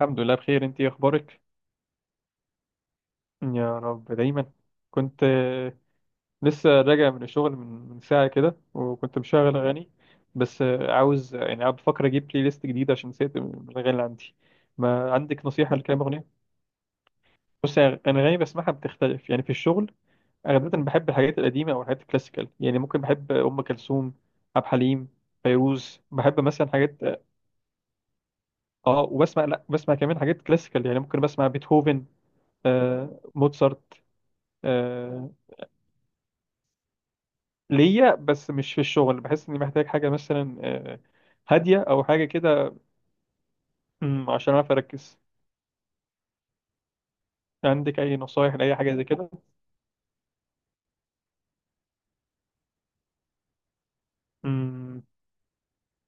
الحمد لله بخير، انت ايه اخبارك؟ يا رب دايما. كنت لسه راجع من الشغل من ساعه كده، وكنت مشغل اغاني. بس عاوز يعني قاعد بفكر اجيب بلاي ليست جديده عشان نسيت الاغاني اللي عندي. ما عندك نصيحه لكام اغنيه؟ بص، يعني انا اغاني بسمعها بتختلف يعني في الشغل. غالبا بحب الحاجات القديمه او الحاجات الكلاسيكال، يعني ممكن بحب ام كلثوم، عبد الحليم، فيروز، بحب مثلا حاجات. اه، وبسمع، لا بسمع كمان حاجات كلاسيكال، يعني ممكن بسمع بيتهوفن، موتسارت. آه، ليا بس مش في الشغل، بحس اني محتاج حاجه مثلا هاديه او حاجه كده. عشان اعرف اركز. عندك اي نصايح لاي حاجه زي كده؟ مم،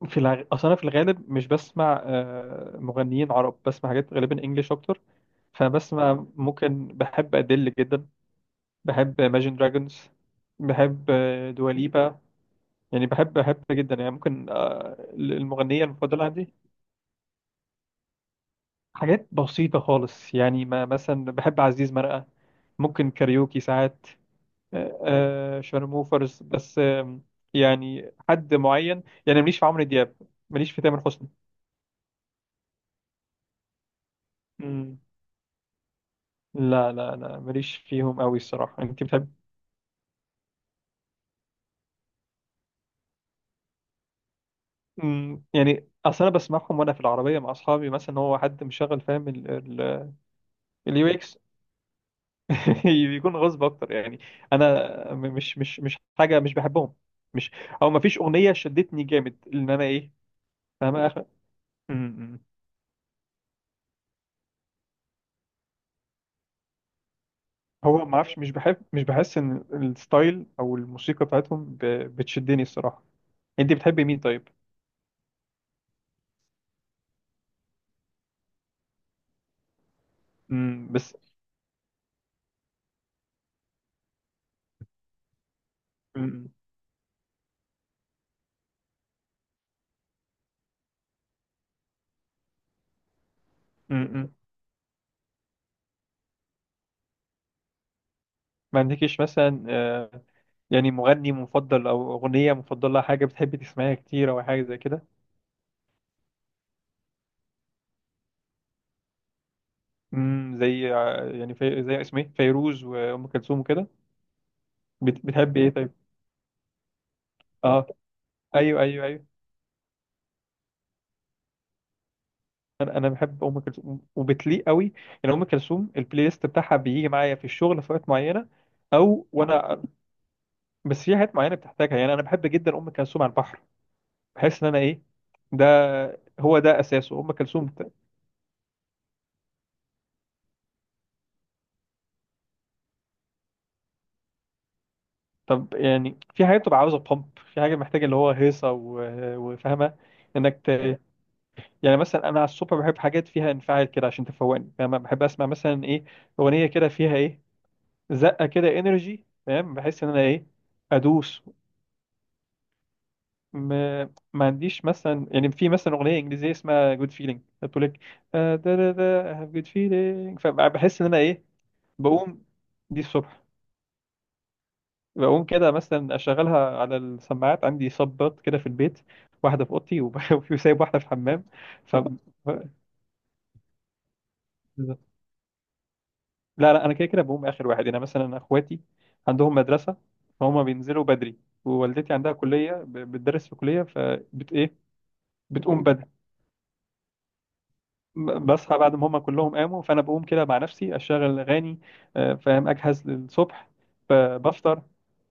اصلا في الغالب مش بسمع مغنيين عرب، بسمع حاجات غالبا انجليش اكتر. فبسمع ممكن بحب أدل جدا. بحب Imagine Dragons. بحب دواليبا، يعني بحب جدا يعني، ممكن المغنية المفضلة عندي، حاجات بسيطة خالص يعني، ما مثلا بحب عزيز مرقة، ممكن كاريوكي ساعات، شارموفرز. بس يعني حد معين يعني، ماليش في عمرو دياب، ماليش في تامر حسني. مم. لا، لا، لا، ماليش فيهم قوي الصراحة. انت بتحب؟ مم. يعني اصل انا بسمعهم وانا في العربية مع اصحابي، مثلا هو حد مشغل، فاهم؟ اليو اكس. بيكون غصب اكتر يعني. انا، مش حاجة مش بحبهم، مش... او مفيش اغنية شدتني جامد ان انا ايه، فاهم؟ م- م. هو ما اعرفش، مش بحس ان الستايل او الموسيقى بتاعتهم بتشدني الصراحه. انت بتحبي مين طيب؟ بس... م- م. م- م. ما عندكيش مثلا يعني مغني مفضل او اغنيه مفضله، حاجه بتحبي تسمعيها كتير او حاجه زي كده؟ زي يعني زي اسمه ايه فيروز وام كلثوم وكده. بتحبي ايه طيب؟ اه، ايوه، ايوه، ايوه، انا بحب ام كلثوم، وبتليق قوي. يعني ام كلثوم البلاي ليست بتاعها بيجي معايا في الشغل في وقت معينه، او وانا، بس في حاجات معينه بتحتاجها، يعني انا بحب جدا ام كلثوم على البحر، بحس ان انا ايه، ده، هو ده اساسه ام كلثوم. طب يعني، في حاجات بتبقى عاوزه بامب، في حاجه محتاجه اللي هو هيصه و- وفاهمه. انك ت... يعني مثلا انا على الصبح بحب حاجات فيها انفعال كده عشان تفوقني، فاهمه؟ بحب اسمع مثلا ايه، اغنيه كده فيها ايه، زقه كده، انرجي، فاهم؟ بحس ان انا ايه، ادوس. م... ما عنديش مثلا، يعني في مثلا اغنيه انجليزيه اسمها جود فيلينج بتقول لك دا دا دا I have good feeling، فبحس ان انا ايه، بقوم. دي الصبح. بقوم كده مثلا اشغلها على السماعات، عندي صبات كده في البيت، واحده في اوضتي وفي سايب واحده في الحمام. ف لا، لا، انا كده كده بقوم اخر واحد، انا مثلا اخواتي عندهم مدرسه، فهم بينزلوا بدري، ووالدتي عندها كليه، بتدرس في كليه، فبت ايه. بتقوم بدري. بصحى بعد ما هم كلهم قاموا، فانا بقوم كده مع نفسي، اشغل اغاني، فاهم؟ اجهز للصبح، بفطر.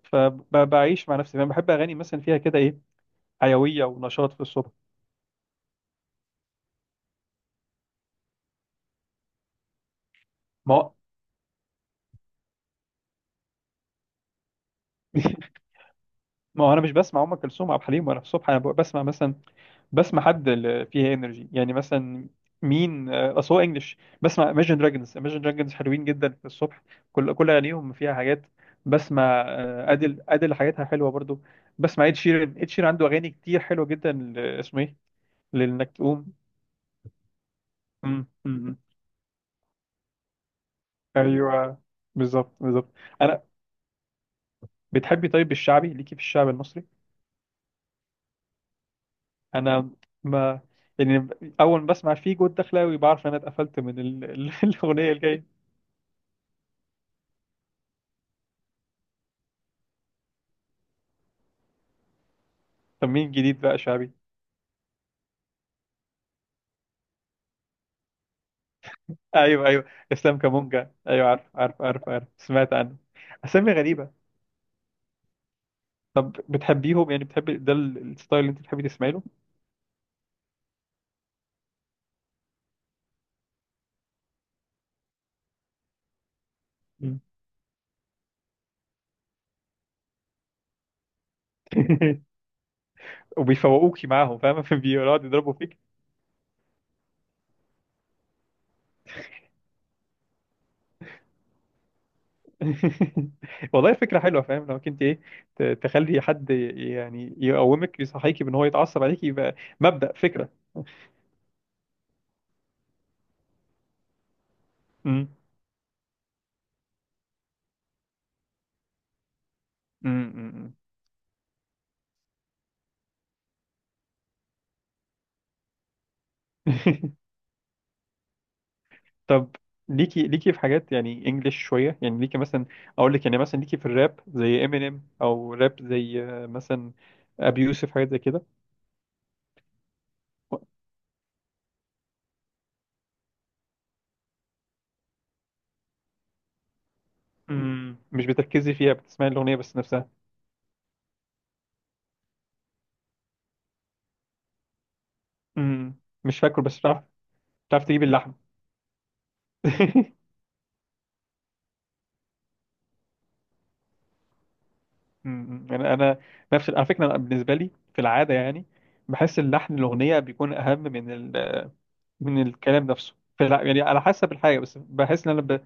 فبعيش مع نفسي، فاهم؟ بحب اغاني مثلا فيها كده ايه، حيويه ونشاط في الصبح. ما هو... ما هو انا مش بسمع ام كلثوم وعبد الحليم وانا في الصبح، انا ببقى بسمع مثلا، بسمع حد اللي فيه انرجي، يعني مثلا مين، اصل هو انجلش، بسمع Imagine Dragons. Imagine Dragons حلوين جدا في الصبح، كل اغانيهم فيها حاجات. بسمع ادل، ادل حاجاتها حلوه برضو. بسمع اد شيران، اد شيران عنده اغاني كتير حلوه جدا، اسمه ايه، لانك تقوم. مم، مم، مم. ايوه، بالظبط، بالظبط. انا، بتحبي طيب الشعبي، ليكي في الشعب المصري؟ انا، ما، يعني، اول ما بسمع فيجو الدخلاوي، بعرف انا اتقفلت من الاغنيه الجايه. طب مين جديد بقى شعبي؟ ايوه، ايوه، اسلام كامونجا، ايوه، عارف، عارف، عارف، عارف، سمعت عنه. اسامي غريبه. طب بتحبيهم يعني؟ بتحبي ده، ال- الستايل اللي انت بتحبي تسمعي له؟ مم. وبيفوقوكي معاهم، فاهمه؟ بيقعدوا يضربوا فيك. والله فكره حلوه، فاهم؟ لو كنت ايه، تخلي حد يعني يقومك، يصحيكي بان هو يتعصب عليكي، يبقى مبدأ فكره. امم. طب ليكي في حاجات يعني انجلش شويه، يعني ليكي مثلا، اقول لك يعني مثلا ليكي في الراب زي امينيم او راب زي مثلا ابي يوسف، حاجات زي كده؟ امم. مش بتركزي فيها، بتسمعي الاغنيه بس نفسها؟ امم. مش فاكره بس بتعرف، بتعرف تجيب اللحن؟ انا نفس على فكره، أنا بالنسبه لي في العاده يعني، بحس اللحن الاغنيه بيكون اهم من ال... آه، من الكلام نفسه. فلا يعني على حسب الحاجه، بس بحس ان انا،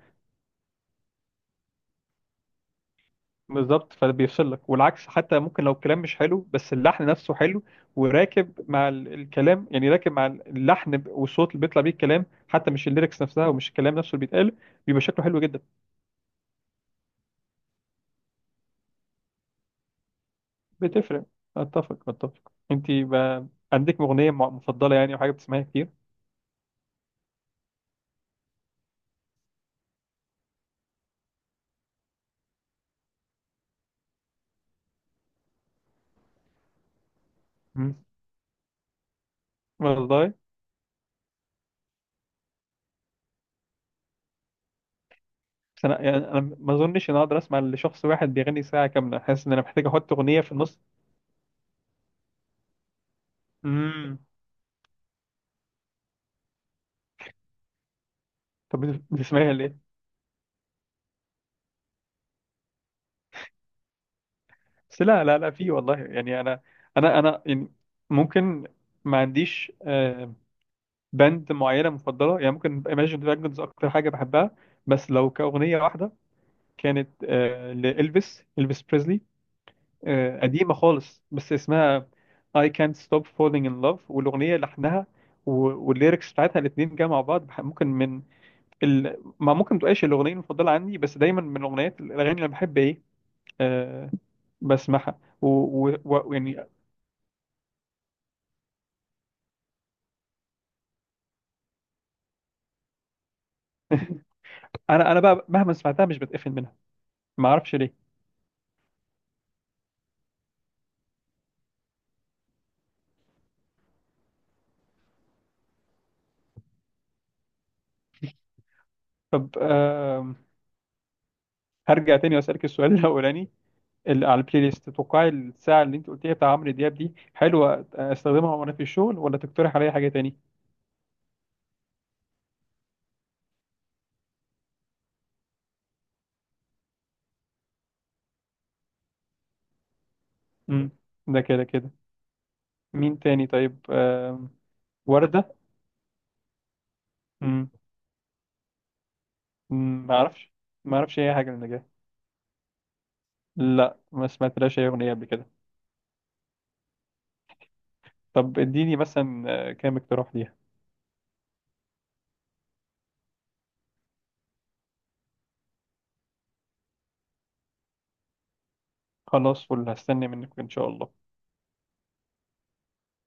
بالظبط، فبيفصلك، والعكس حتى ممكن لو الكلام مش حلو بس اللحن نفسه حلو، وراكب مع ال- الكلام، يعني راكب مع اللحن، والصوت اللي بيطلع بيه الكلام حتى، مش الليركس نفسها ومش الكلام نفسه اللي بيتقال، بيبقى شكله حلو جدا. بتفرق. اتفق، اتفق. انت بقى عندك اغنيه مفضله يعني، او حاجه بتسمعيها كتير؟ مم. والله. بس انا يعني انا ما اظنش ان أنا اقدر اسمع لشخص واحد بيغني ساعه كامله، حاسس ان انا محتاج احط اغنيه في النص. امم. طب بتسمعيها ليه؟ بس لا، لا، لا، في والله يعني، انا، انا يعني، ممكن، ما عنديش باند معينه مفضله يعني، ممكن Imagine Dragons اكتر حاجه بحبها. بس لو كاغنيه واحده، كانت لإلفيس، إلفيس بريزلي، قديمه خالص بس اسمها I Can't Stop Falling in Love، والاغنيه لحنها و- والليركس بتاعتها الاثنين جاء مع بعض، ممكن من ما ممكن تبقاش الاغنيه المفضله عندي، بس دايما من الاغاني اللي أنا بحب ايه، آه، بسمعها ويعني انا بقى مهما سمعتها مش بتقفل منها، ما اعرفش ليه. طب هرجع تاني واسالك السؤال الاولاني، اللي على البلاي ليست، تتوقعي الساعه اللي انت قلتيها بتاع عمرو دياب دي حلوه استخدمها وانا في الشغل، ولا تقترح عليا حاجه تاني؟ امم، ده كده كده. مين تاني طيب؟ وردة. امم، ما اعرفش، ما اعرفش اي حاجه للنجاة. لا، ما سمعتلاش اي اغنيه قبل كده. طب اديني مثلا كام اقتراح ليها. خلاص، فل هستنى منك ان شاء الله.